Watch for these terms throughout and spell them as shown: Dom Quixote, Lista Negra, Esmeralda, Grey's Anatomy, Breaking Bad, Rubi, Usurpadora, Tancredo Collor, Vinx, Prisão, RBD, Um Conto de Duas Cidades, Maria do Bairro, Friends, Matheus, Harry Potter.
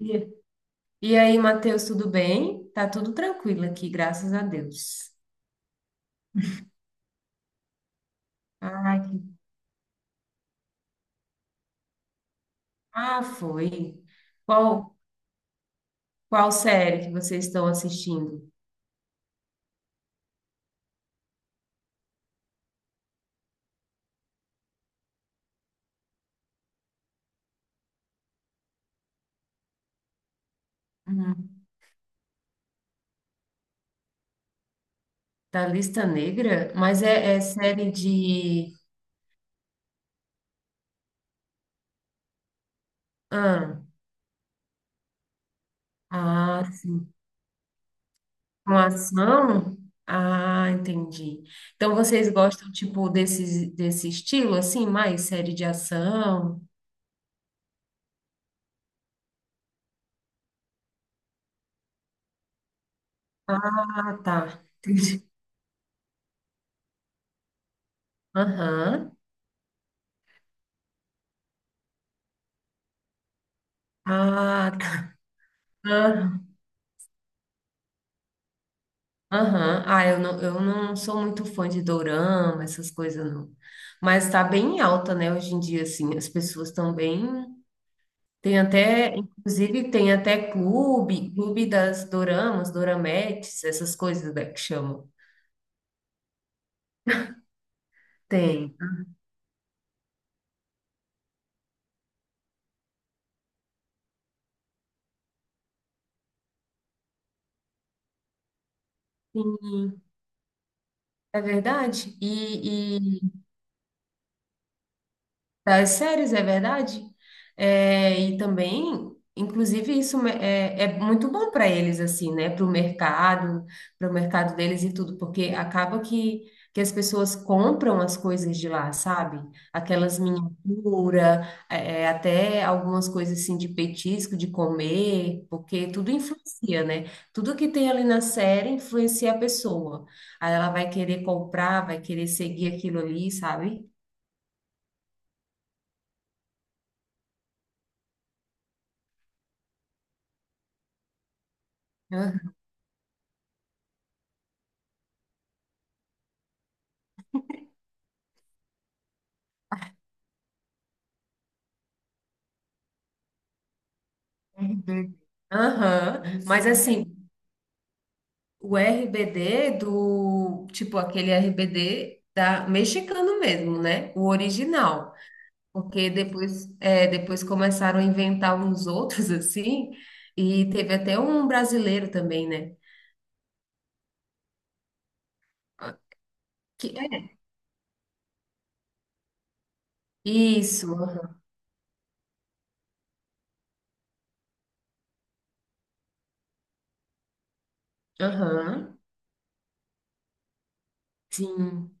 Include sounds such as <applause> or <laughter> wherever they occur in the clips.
E e aí, Matheus, tudo bem? Tá tudo tranquilo aqui, graças a Deus. Ai, ah, foi. Qual, qual série que vocês estão assistindo? Uhum. Da Lista Negra? Mas é série de. Ah, ah, sim. Com ação? Ah, entendi. Então vocês gostam, tipo, desse estilo, assim, mais série de ação? Ah, tá. Entendi. Aham. Ah, tá. Aham. Aham. Ah, eu não sou muito fã de dorama, essas coisas não. Mas tá bem alta, né, hoje em dia, assim, as pessoas estão bem. Tem até, inclusive, tem até clube das doramas, dorametes, essas coisas, né, que chamam. Tem. Sim, é verdade. Das séries, é verdade? É, e também, inclusive, é muito bom para eles, assim, né? Para o mercado deles e tudo, porque acaba que as pessoas compram as coisas de lá, sabe? Aquelas miniaturas, até algumas coisas assim de petisco, de comer, porque tudo influencia, né? Tudo que tem ali na série influencia a pessoa. Aí ela vai querer comprar, vai querer seguir aquilo ali, sabe? <laughs> Aham, mas assim, o RBD do, tipo, aquele RBD da mexicano mesmo, né? O original. Porque depois, depois começaram a inventar uns outros <laughs> assim, e teve até um brasileiro também, né? Ah, Que, é, isso, aham, aham, sim.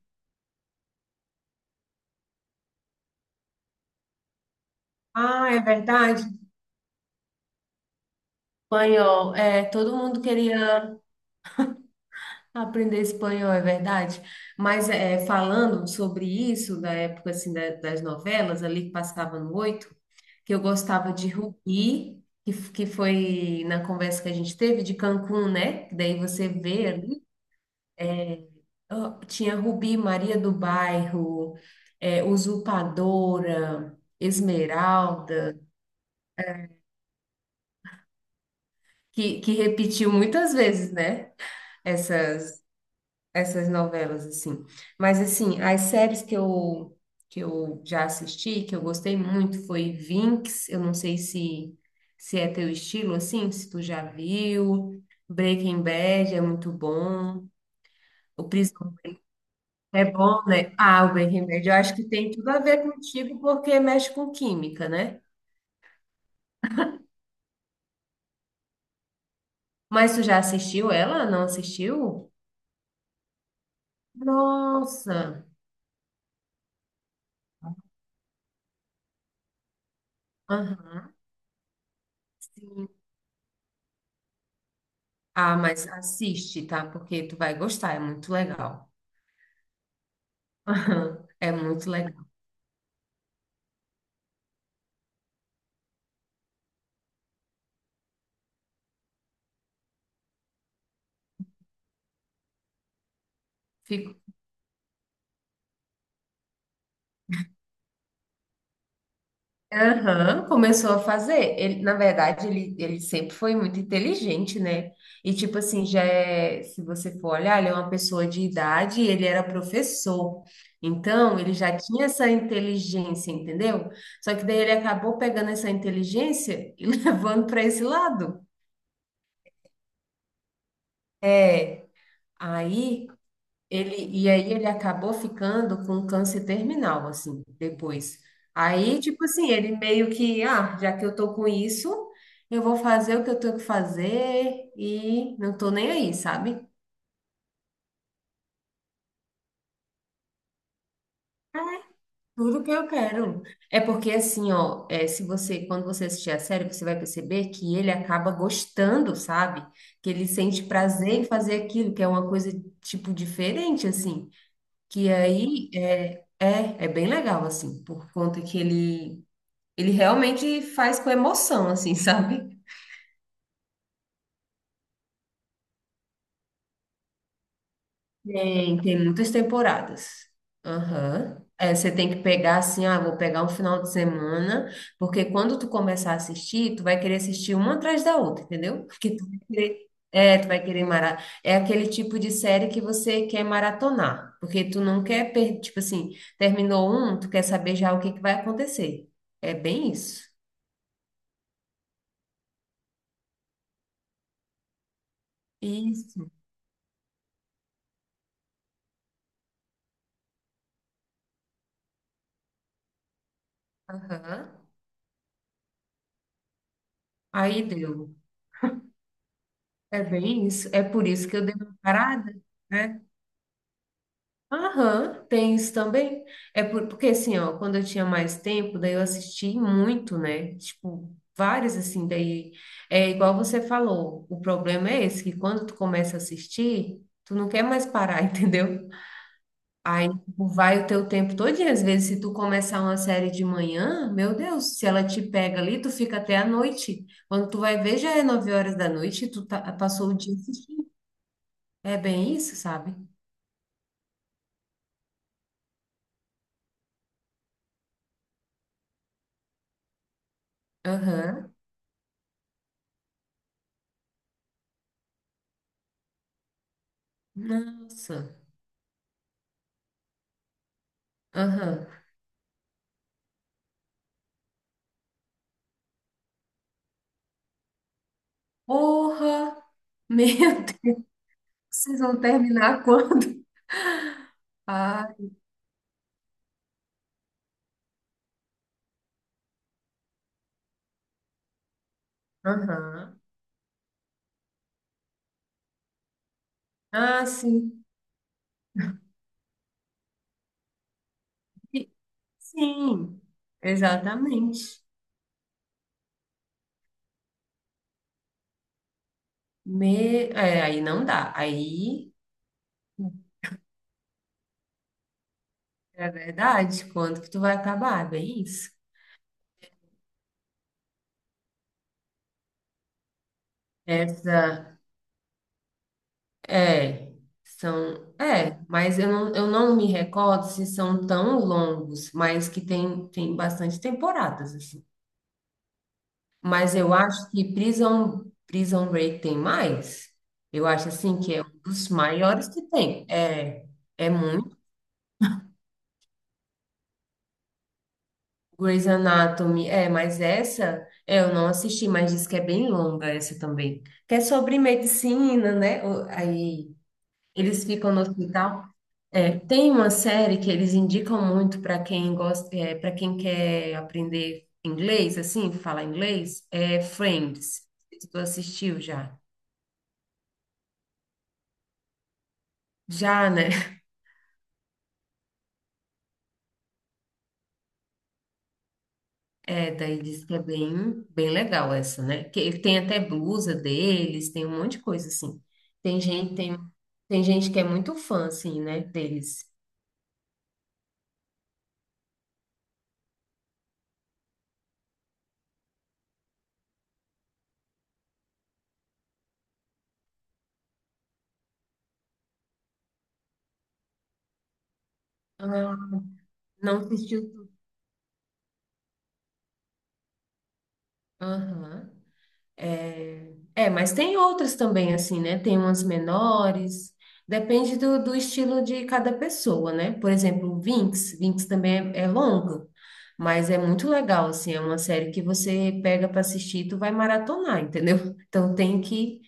Ah, é verdade. Espanhol, todo mundo queria. Aprender espanhol, é verdade. Mas falando sobre isso, da época assim, das novelas ali que passava no oito, que eu gostava de Rubi, que foi na conversa que a gente teve de Cancún, né? Que daí você vê ali, ó, tinha Rubi, Maria do Bairro, Usurpadora, Esmeralda, que repetiu muitas vezes, né? Essas novelas, assim. Mas, assim, as séries que eu já assisti, que eu gostei muito, foi Vinx. Eu não sei se é teu estilo, assim, se tu já viu. Breaking Bad é muito bom, O Prisão é bom, né? Ah, o Breaking Bad, eu acho que tem tudo a ver contigo, porque mexe com química, né? Mas tu já assistiu ela? Não assistiu? Nossa! Aham, sim. Ah, mas assiste, tá? Porque tu vai gostar, é muito legal. <laughs> Aham, é muito legal. Fico... Aham, começou a fazer. Ele, na verdade, ele sempre foi muito inteligente, né? E tipo assim, já é, se você for olhar, ele é uma pessoa de idade e ele era professor. Então, ele já tinha essa inteligência, entendeu? Só que daí ele acabou pegando essa inteligência e <laughs> levando para esse lado. É, aí Ele, e aí ele acabou ficando com câncer terminal, assim, depois. Aí, tipo assim, ele meio que, ah, já que eu tô com isso, eu vou fazer o que eu tenho que fazer e não tô nem aí, sabe? Tudo que eu quero. É porque assim, ó, se você, quando você assistir a série, você vai perceber que ele acaba gostando, sabe? Que ele sente prazer em fazer aquilo, que é uma coisa, tipo, diferente, assim. Que aí, é bem legal, assim, por conta que ele realmente faz com emoção, assim, <laughs> sabe? Tem muitas temporadas. Aham. É, você tem que pegar assim, ah, vou pegar um final de semana, porque quando tu começar a assistir, tu vai querer assistir uma atrás da outra, entendeu? Porque tu vai querer, tu vai querer . É aquele tipo de série que você quer maratonar, porque tu não quer perder, tipo assim, terminou um, tu quer saber já o que que vai acontecer. É bem isso. Isso. Aham. Aí deu. É bem isso. É por isso que eu dei uma parada, né? Aham, tem isso também. É porque assim, ó, quando eu tinha mais tempo, daí eu assisti muito, né? Tipo, várias assim, daí é igual você falou. O problema é esse, que quando tu começa a assistir, tu não quer mais parar, <laughs> entendeu? Aí tipo, vai o teu tempo todinho. Às vezes, se tu começar uma série de manhã, meu Deus, se ela te pega ali, tu fica até a noite. Quando tu vai ver, já é 9 horas da noite e passou o dia. É bem isso, sabe? Aham. Nossa. Aham. Porra! Meu <laughs> Deus, vocês vão terminar quando? Ah, aham. Ah, sim. E- Sim, exatamente. Me... É, aí não dá. Aí é verdade. Quando que tu vai acabar? É bem isso. Essa é. São, mas eu não me recordo se são tão longos, mas que tem bastante temporadas, assim. Mas eu acho que Prison Break tem mais. Eu acho assim que é um dos maiores que tem. É, é muito. Grey's Anatomy, mas essa é, eu não assisti, mas diz que é bem longa essa também. Que é sobre medicina, né? Aí eles ficam no hospital. É, tem uma série que eles indicam muito para quem gosta, para quem quer aprender inglês, assim, falar inglês, é Friends. Se tu assistiu já? Já, né? É, daí diz que é bem, bem legal essa, né? Que ele tem até blusa deles, tem um monte de coisa assim. Tem gente, tem, tem gente que é muito fã, assim, né, deles. Ah, não assistiu tudo. Aham. É, é, mas tem outras também, assim, né? Tem umas menores. Depende do estilo de cada pessoa, né? Por exemplo, o Vinx. Vinx também é longa, mas é muito legal, assim. É uma série que você pega para assistir e tu vai maratonar, entendeu? Então tem que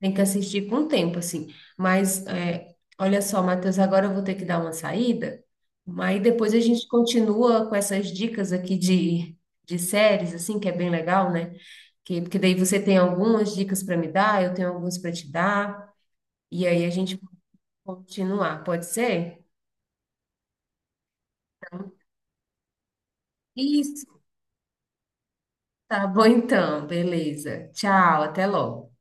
Tem que assistir com o tempo, assim. Mas, olha só, Matheus, agora eu vou ter que dar uma saída, mas depois a gente continua com essas dicas aqui de séries, assim, que é bem legal, né? Porque daí você tem algumas dicas para me dar, eu tenho algumas para te dar, e aí a gente continuar, pode ser? Isso, tá bom então, beleza. Tchau, até logo.